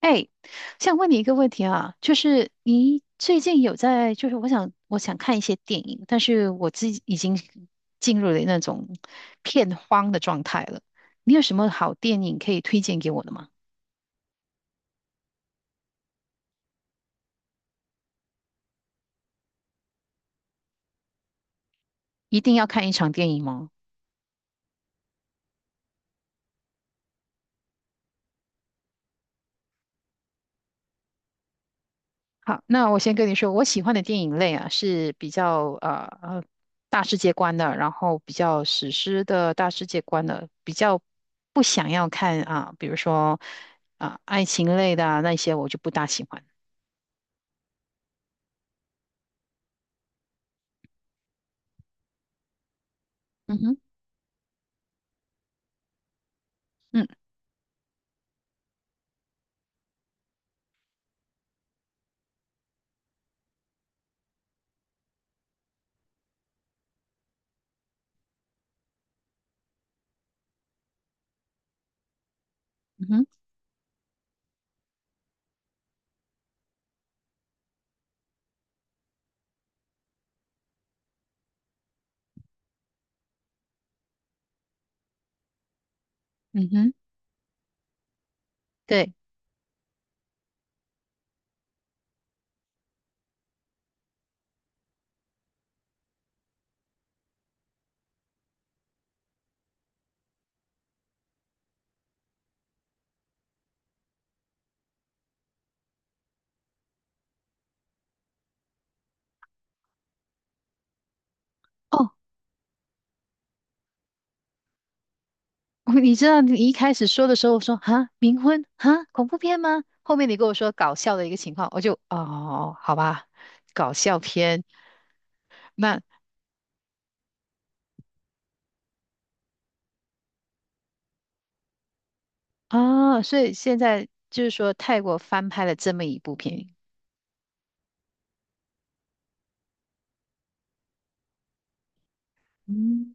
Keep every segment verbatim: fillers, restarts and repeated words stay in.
哎，想问你一个问题啊，就是你最近有在，就是我想我想看一些电影，但是我自己已经进入了那种片荒的状态了。你有什么好电影可以推荐给我的吗？一定要看一场电影吗？好，那我先跟你说，我喜欢的电影类啊是比较呃呃大世界观的，然后比较史诗的大世界观的，比较不想要看啊，比如说啊爱情类的啊那些我就不大喜欢。嗯哼。嗯嗯哼，嗯哼，对哦，你知道你一开始说的时候，我说哈冥婚哈恐怖片吗？后面你跟我说搞笑的一个情况，我就哦好吧，搞笑片那啊、所以现在就是说泰国翻拍了这么一部片，嗯，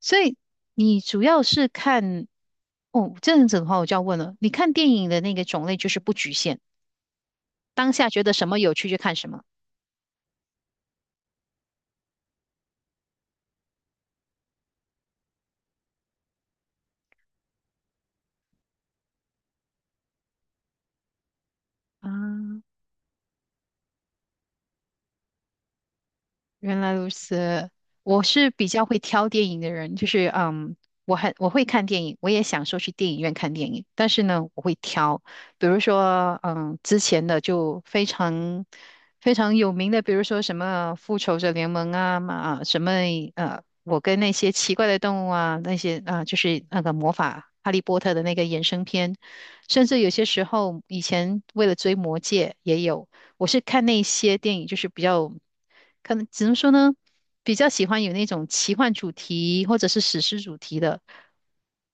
所以你主要是看哦这样子的话，我就要问了，你看电影的那个种类就是不局限，当下觉得什么有趣就看什么啊，原来如此，我是比较会挑电影的人，就是嗯，我很我会看电影，我也享受去电影院看电影，但是呢，我会挑，比如说嗯，之前的就非常非常有名的，比如说什么《复仇者联盟》啊嘛啊，什么呃，我跟那些奇怪的动物啊，那些啊，就是那个魔法《哈利波特》的那个衍生片，甚至有些时候以前为了追《魔戒》也有。我是看那些电影，就是比较，可能只能说呢，比较喜欢有那种奇幻主题或者是史诗主题的。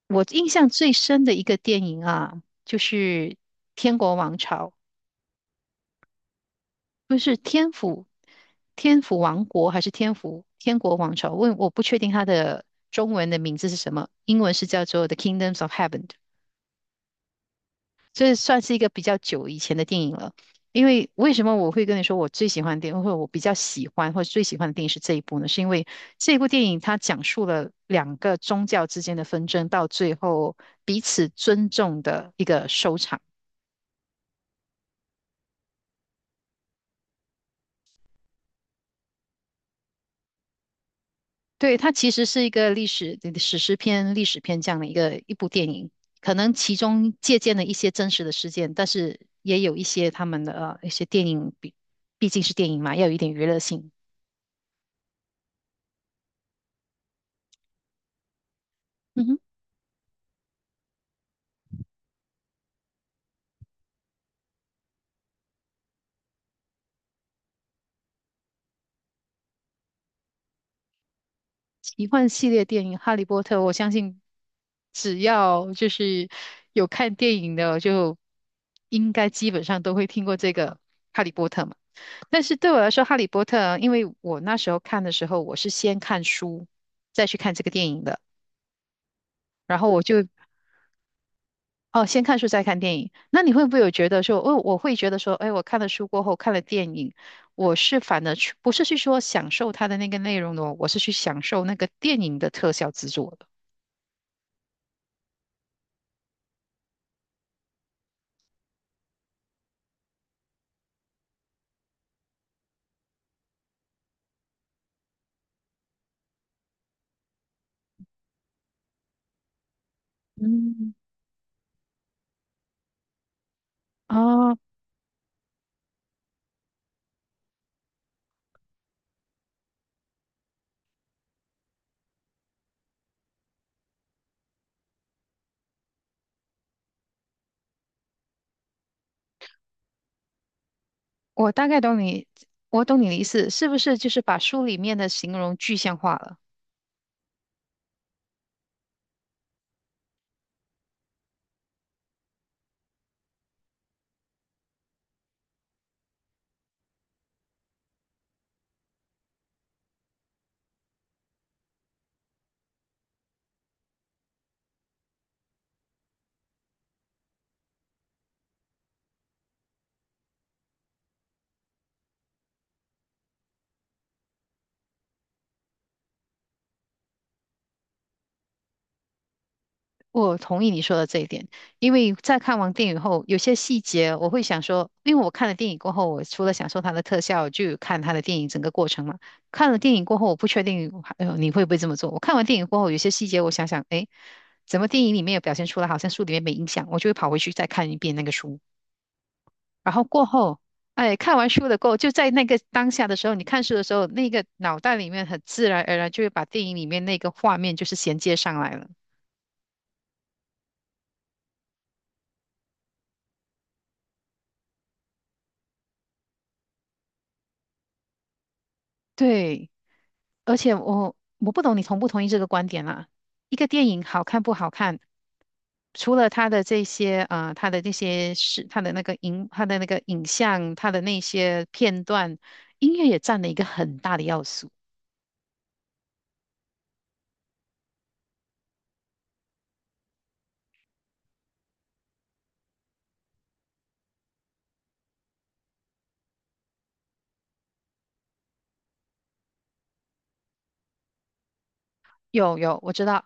我印象最深的一个电影啊，就是《天国王朝》，不是天府，天府王国还是天府天国王朝？问我不确定它的中文的名字是什么，英文是叫做《The Kingdoms of Heaven》。这算是一个比较久以前的电影了。因为为什么我会跟你说我最喜欢的电影，或者我比较喜欢或者最喜欢的电影是这一部呢？是因为这部电影它讲述了两个宗教之间的纷争，到最后彼此尊重的一个收场。对，它其实是一个历史史诗片、历史片这样的一个一部电影，可能其中借鉴了一些真实的事件，但是也有一些他们的呃一些电影，毕毕竟是电影嘛，要有一点娱乐性。嗯哼。奇幻系列电影《哈利波特》，我相信只要就是有看电影的，就应该基本上都会听过这个《哈利波特》嘛。但是对我来说，《哈利波特》因为我那时候看的时候，我是先看书，再去看这个电影的。然后我就哦，先看书再看电影。那你会不会有觉得说，哦，我会觉得说，哎，我看了书过后看了电影，我是反而去不是去说享受它的那个内容的哦，我是去享受那个电影的特效制作的。嗯，哦，我大概懂你，我懂你的意思，是不是就是把书里面的形容具象化了？我同意你说的这一点，因为在看完电影后，有些细节我会想说，因为我看了电影过后，我除了享受它的特效，就有看它的电影整个过程嘛。看了电影过后，我不确定，呃，你会不会这么做？我看完电影过后，有些细节我想想，诶，怎么电影里面有表现出来，好像书里面没影响，我就会跑回去再看一遍那个书。然后过后，哎，看完书的过后，就在那个当下的时候，你看书的时候，那个脑袋里面很自然而然就会把电影里面那个画面就是衔接上来了。对，而且我我不懂你同不同意这个观点啦。一个电影好看不好看，除了它的这些呃，它的那些是它的那个影，它的那个影像，它的那些片段，音乐也占了一个很大的要素。有有，我知道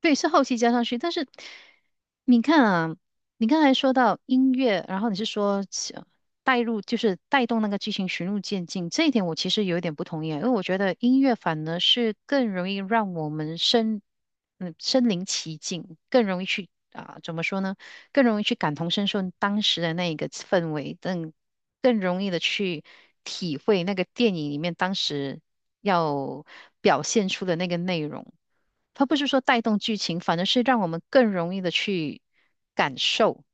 对，是后期加上去，但是你看啊，你刚才说到音乐，然后你是说起带入，就是带动那个剧情循序渐进，这一点我其实有一点不同意啊，因为我觉得音乐反而是更容易让我们身嗯身临其境，更容易去啊、怎么说呢？更容易去感同身受当时的那一个氛围，更更容易的去体会那个电影里面当时要表现出的那个内容。它不是说带动剧情，反而是让我们更容易的去感受，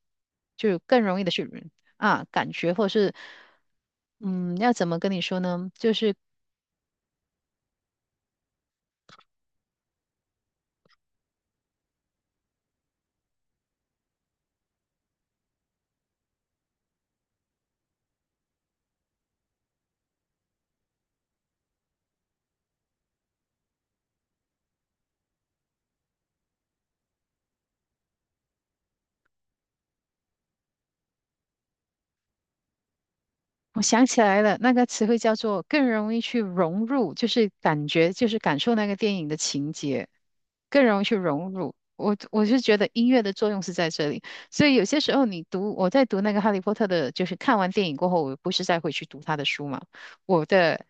就更容易的去啊感觉，或者是嗯，要怎么跟你说呢？就是我想起来了，那个词汇叫做更容易去融入，就是感觉，就是感受那个电影的情节，更容易去融入。我我是觉得音乐的作用是在这里，所以有些时候你读，我在读那个《哈利波特》的，就是看完电影过后，我不是再回去读他的书嘛，我的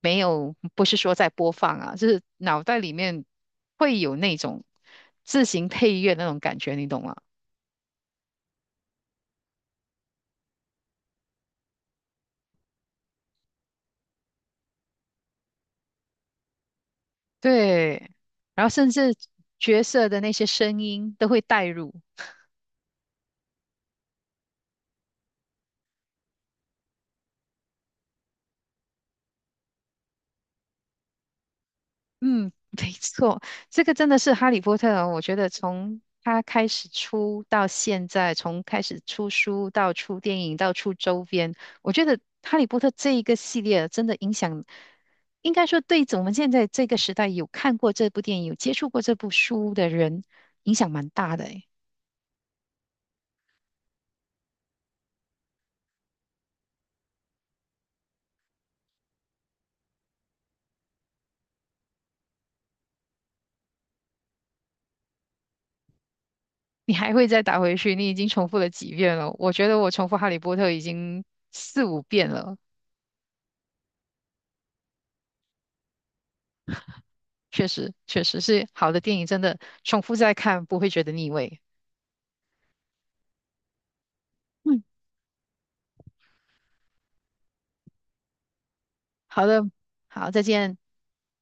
没有，不是说在播放啊，就是脑袋里面会有那种自行配乐那种感觉，你懂吗？对，然后甚至角色的那些声音都会带入。嗯，没错，这个真的是《哈利波特》哦。我觉得从他开始出到现在，从开始出书到出电影到出周边，我觉得《哈利波特》这一个系列真的影响，应该说对我们现在这个时代有看过这部电影、有接触过这部书的人，影响蛮大的诶。你还会再打回去，你已经重复了几遍了。我觉得我重复《哈利波特》已经四五遍了，确实，确实是好的电影，真的重复再看不会觉得腻味。嗯，好的，好，再见。